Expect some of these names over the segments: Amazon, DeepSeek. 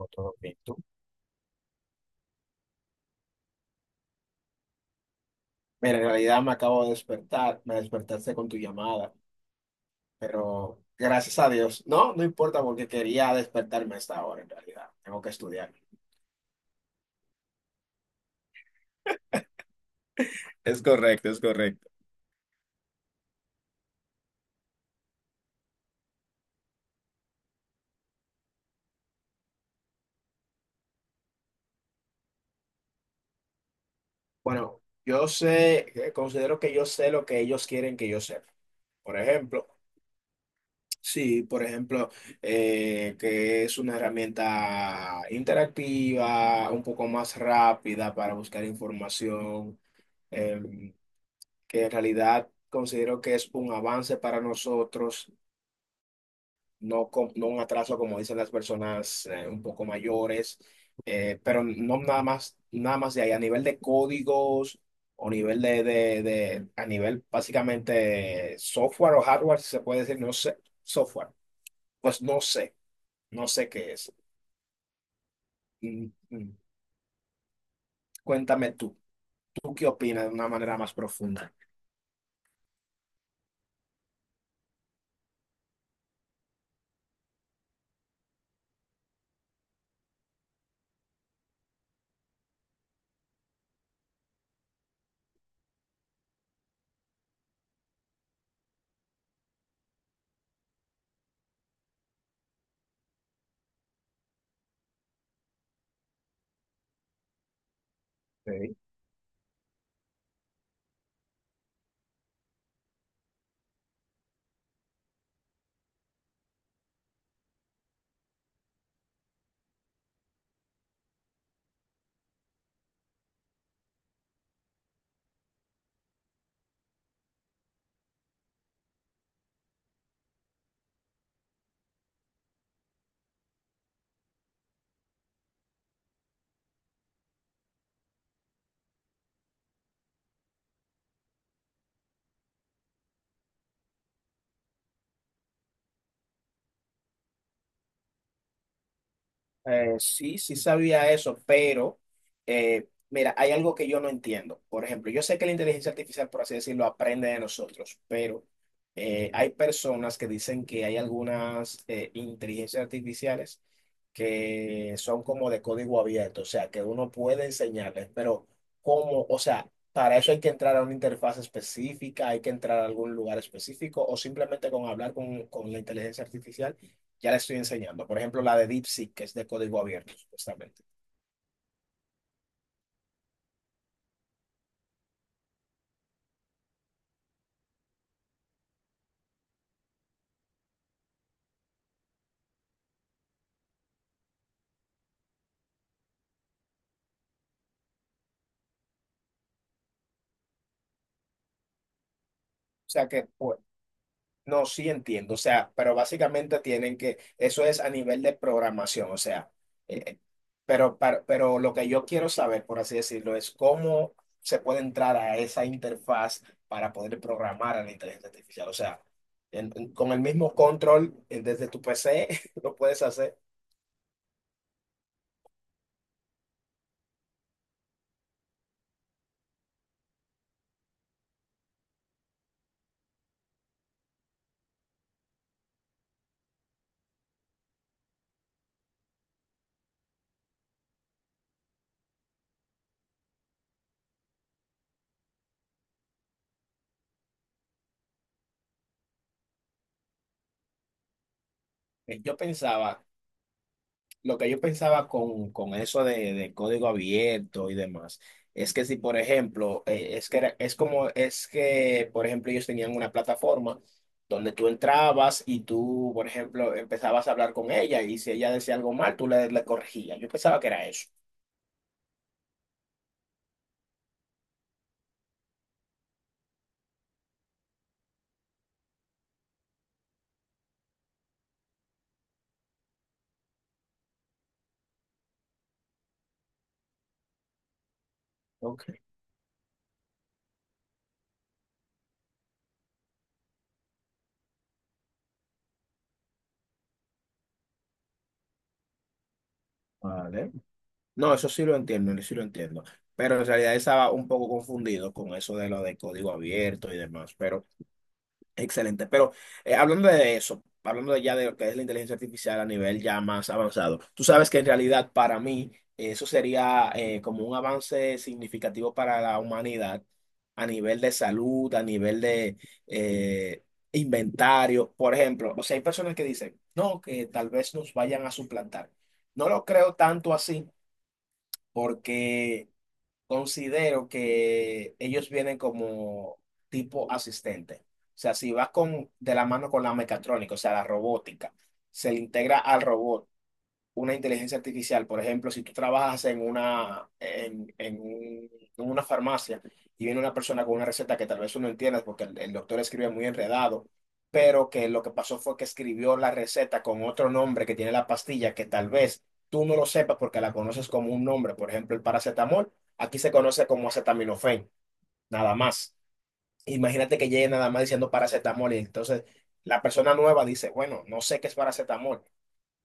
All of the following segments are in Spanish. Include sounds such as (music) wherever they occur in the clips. No, todo bien, ¿tú? Mira, en realidad me acabo de despertar, me despertaste con tu llamada, pero gracias a Dios, no, no importa porque quería despertarme a esta hora en realidad, tengo que estudiar. Es correcto, es correcto. Bueno, yo sé, considero que yo sé lo que ellos quieren que yo sepa. Por ejemplo, sí, por ejemplo, que es una herramienta interactiva, un poco más rápida para buscar información. em, que en realidad considero que es un avance para nosotros, no, no un atraso como dicen las personas un poco mayores, pero no nada más, nada más de ahí, a nivel de códigos o nivel a nivel básicamente software o hardware, si se puede decir, no sé, software, pues no sé, no sé qué es. Mm, mm. Cuéntame tú, ¿tú qué opinas de una manera más profunda? Sí, sí sabía eso, pero mira, hay algo que yo no entiendo. Por ejemplo, yo sé que la inteligencia artificial, por así decirlo, aprende de nosotros, pero hay personas que dicen que hay algunas inteligencias artificiales que son como de código abierto, o sea, que uno puede enseñarles, pero ¿cómo? O sea, para eso hay que entrar a una interfaz específica, hay que entrar a algún lugar específico o simplemente con hablar con la inteligencia artificial ya le estoy enseñando. Por ejemplo, la de DeepSeek, que es de código abierto, supuestamente. O sea que, pues, no, sí entiendo. O sea, pero básicamente tienen que, eso es a nivel de programación, o sea, eh, eh, pero, pero lo que yo quiero saber, por así decirlo, es cómo se puede entrar a esa interfaz para poder programar a la inteligencia artificial. O sea, con el mismo control desde tu PC (laughs) lo puedes hacer. Yo pensaba Lo que yo pensaba con eso de código abierto y demás, es que si, por ejemplo, es que es como, es que, por ejemplo, ellos tenían una plataforma donde tú entrabas y tú, por ejemplo, empezabas a hablar con ella y si ella decía algo mal, tú le, le corregías. Yo pensaba que era eso. Ok, vale. No, eso sí lo entiendo, eso sí lo entiendo. Pero en realidad estaba un poco confundido con eso de lo de código abierto y demás. Pero excelente, pero hablando de eso, hablando ya de lo que es la inteligencia artificial a nivel ya más avanzado, tú sabes que en realidad para mí eso sería como un avance significativo para la humanidad a nivel de salud, a nivel de eh, inventario, por ejemplo, o sea, hay personas que dicen, no, que tal vez nos vayan a suplantar. No lo creo tanto así porque... Considero que ellos vienen como tipo asistente. O sea, si vas con, de la mano con la mecatrónica, o sea, la robótica, se le integra al robot una inteligencia artificial. Por ejemplo, si tú trabajas en una, en, en una farmacia y viene una persona con una receta que tal vez tú no entiendes porque el doctor escribe muy enredado, pero que lo que pasó fue que escribió la receta con otro nombre que tiene la pastilla que tal vez tú no lo sepas porque la conoces como un nombre. Por ejemplo, el paracetamol, aquí se conoce como acetaminofén, nada más. Imagínate que llegue nada más diciendo paracetamol y entonces la persona nueva dice, bueno, no sé qué es paracetamol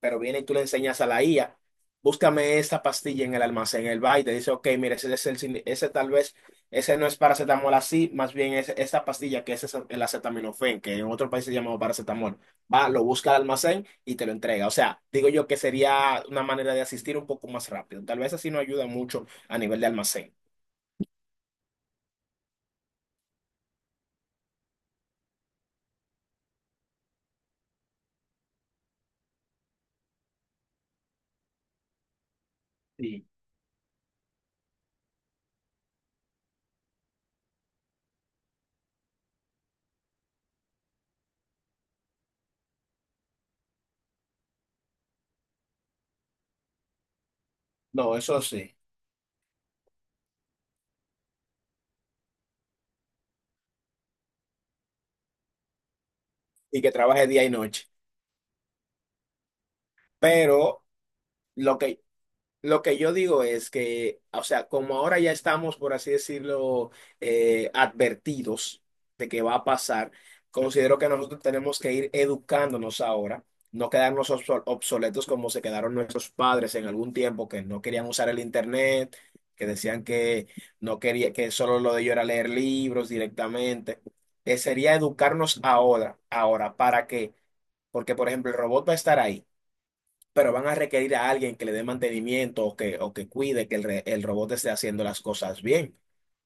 pero viene y tú le enseñas a la IA, búscame esta pastilla en el almacén, el va y te dice, ok, mire, ese, es el ese tal vez, ese no es paracetamol así, más bien es esta pastilla que es el acetaminofén, que en otro país se llama paracetamol. Va, lo busca al almacén y te lo entrega. O sea, digo yo que sería una manera de asistir un poco más rápido. Tal vez así no ayuda mucho a nivel de almacén. Sí. No, eso sí. Y que trabaje día y noche. Pero... Lo que Lo que yo digo es que, o sea, como ahora ya estamos, por así decirlo, advertidos de que va a pasar, considero que nosotros tenemos que ir educándonos ahora, no quedarnos obsoletos como se quedaron nuestros padres en algún tiempo, que no querían usar el internet, que decían que no quería, que solo lo de ellos era leer libros directamente. Sería educarnos ahora, ahora, ¿para qué? Porque, por ejemplo, el robot va a estar ahí pero van a requerir a alguien que le dé mantenimiento o que cuide que el, el robot esté haciendo las cosas bien,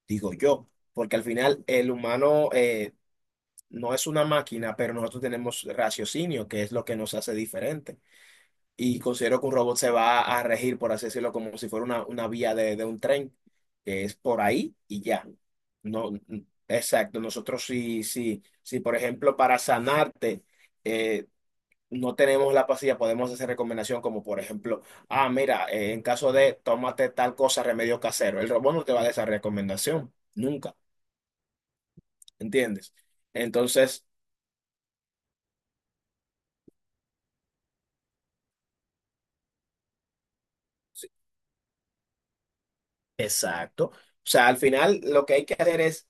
digo yo, porque al final el humano no es una máquina, pero nosotros tenemos raciocinio, que es lo que nos hace diferente. Y considero que un robot se va a regir, por así decirlo, como si fuera una vía de un tren, que es por ahí y ya. No, exacto, nosotros sí, sí, sí, por ejemplo, para sanarte. eh, no tenemos la pastilla, podemos hacer recomendación como por ejemplo, ah, mira, en caso de tómate tal cosa, remedio casero. El robot no te va a dar esa recomendación, nunca, ¿entiendes? Entonces, sí, exacto. O sea, al final lo que hay que hacer es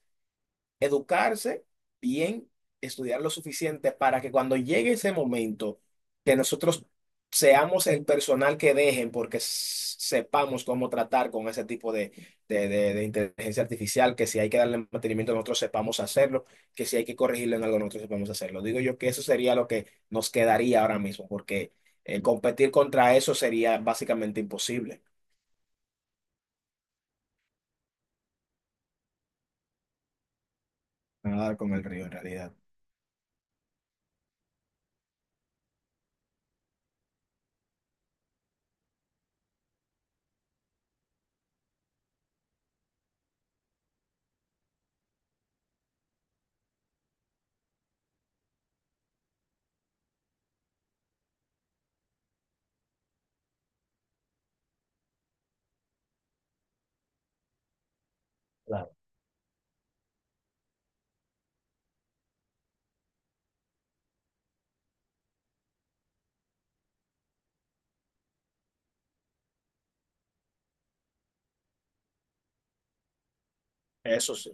educarse bien, estudiar lo suficiente para que cuando llegue ese momento que nosotros seamos el personal que dejen porque sepamos cómo tratar con ese tipo de, de inteligencia artificial, que si hay que darle mantenimiento nosotros sepamos hacerlo, que si hay que corregirlo en algo nosotros sepamos hacerlo. Digo yo que eso sería lo que nos quedaría ahora mismo porque competir contra eso sería básicamente imposible. Nadar con el río en realidad. Claro. Eso sí.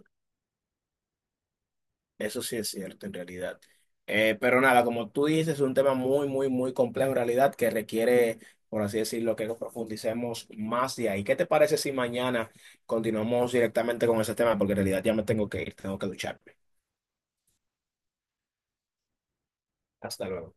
Eso sí es cierto, en realidad. Pero nada, como tú dices, es un tema muy, muy, muy complejo en realidad que requiere, por así decirlo, que profundicemos más de ahí. ¿Qué te parece si mañana continuamos directamente con ese tema? Porque en realidad ya me tengo que ir, tengo que ducharme. Hasta luego.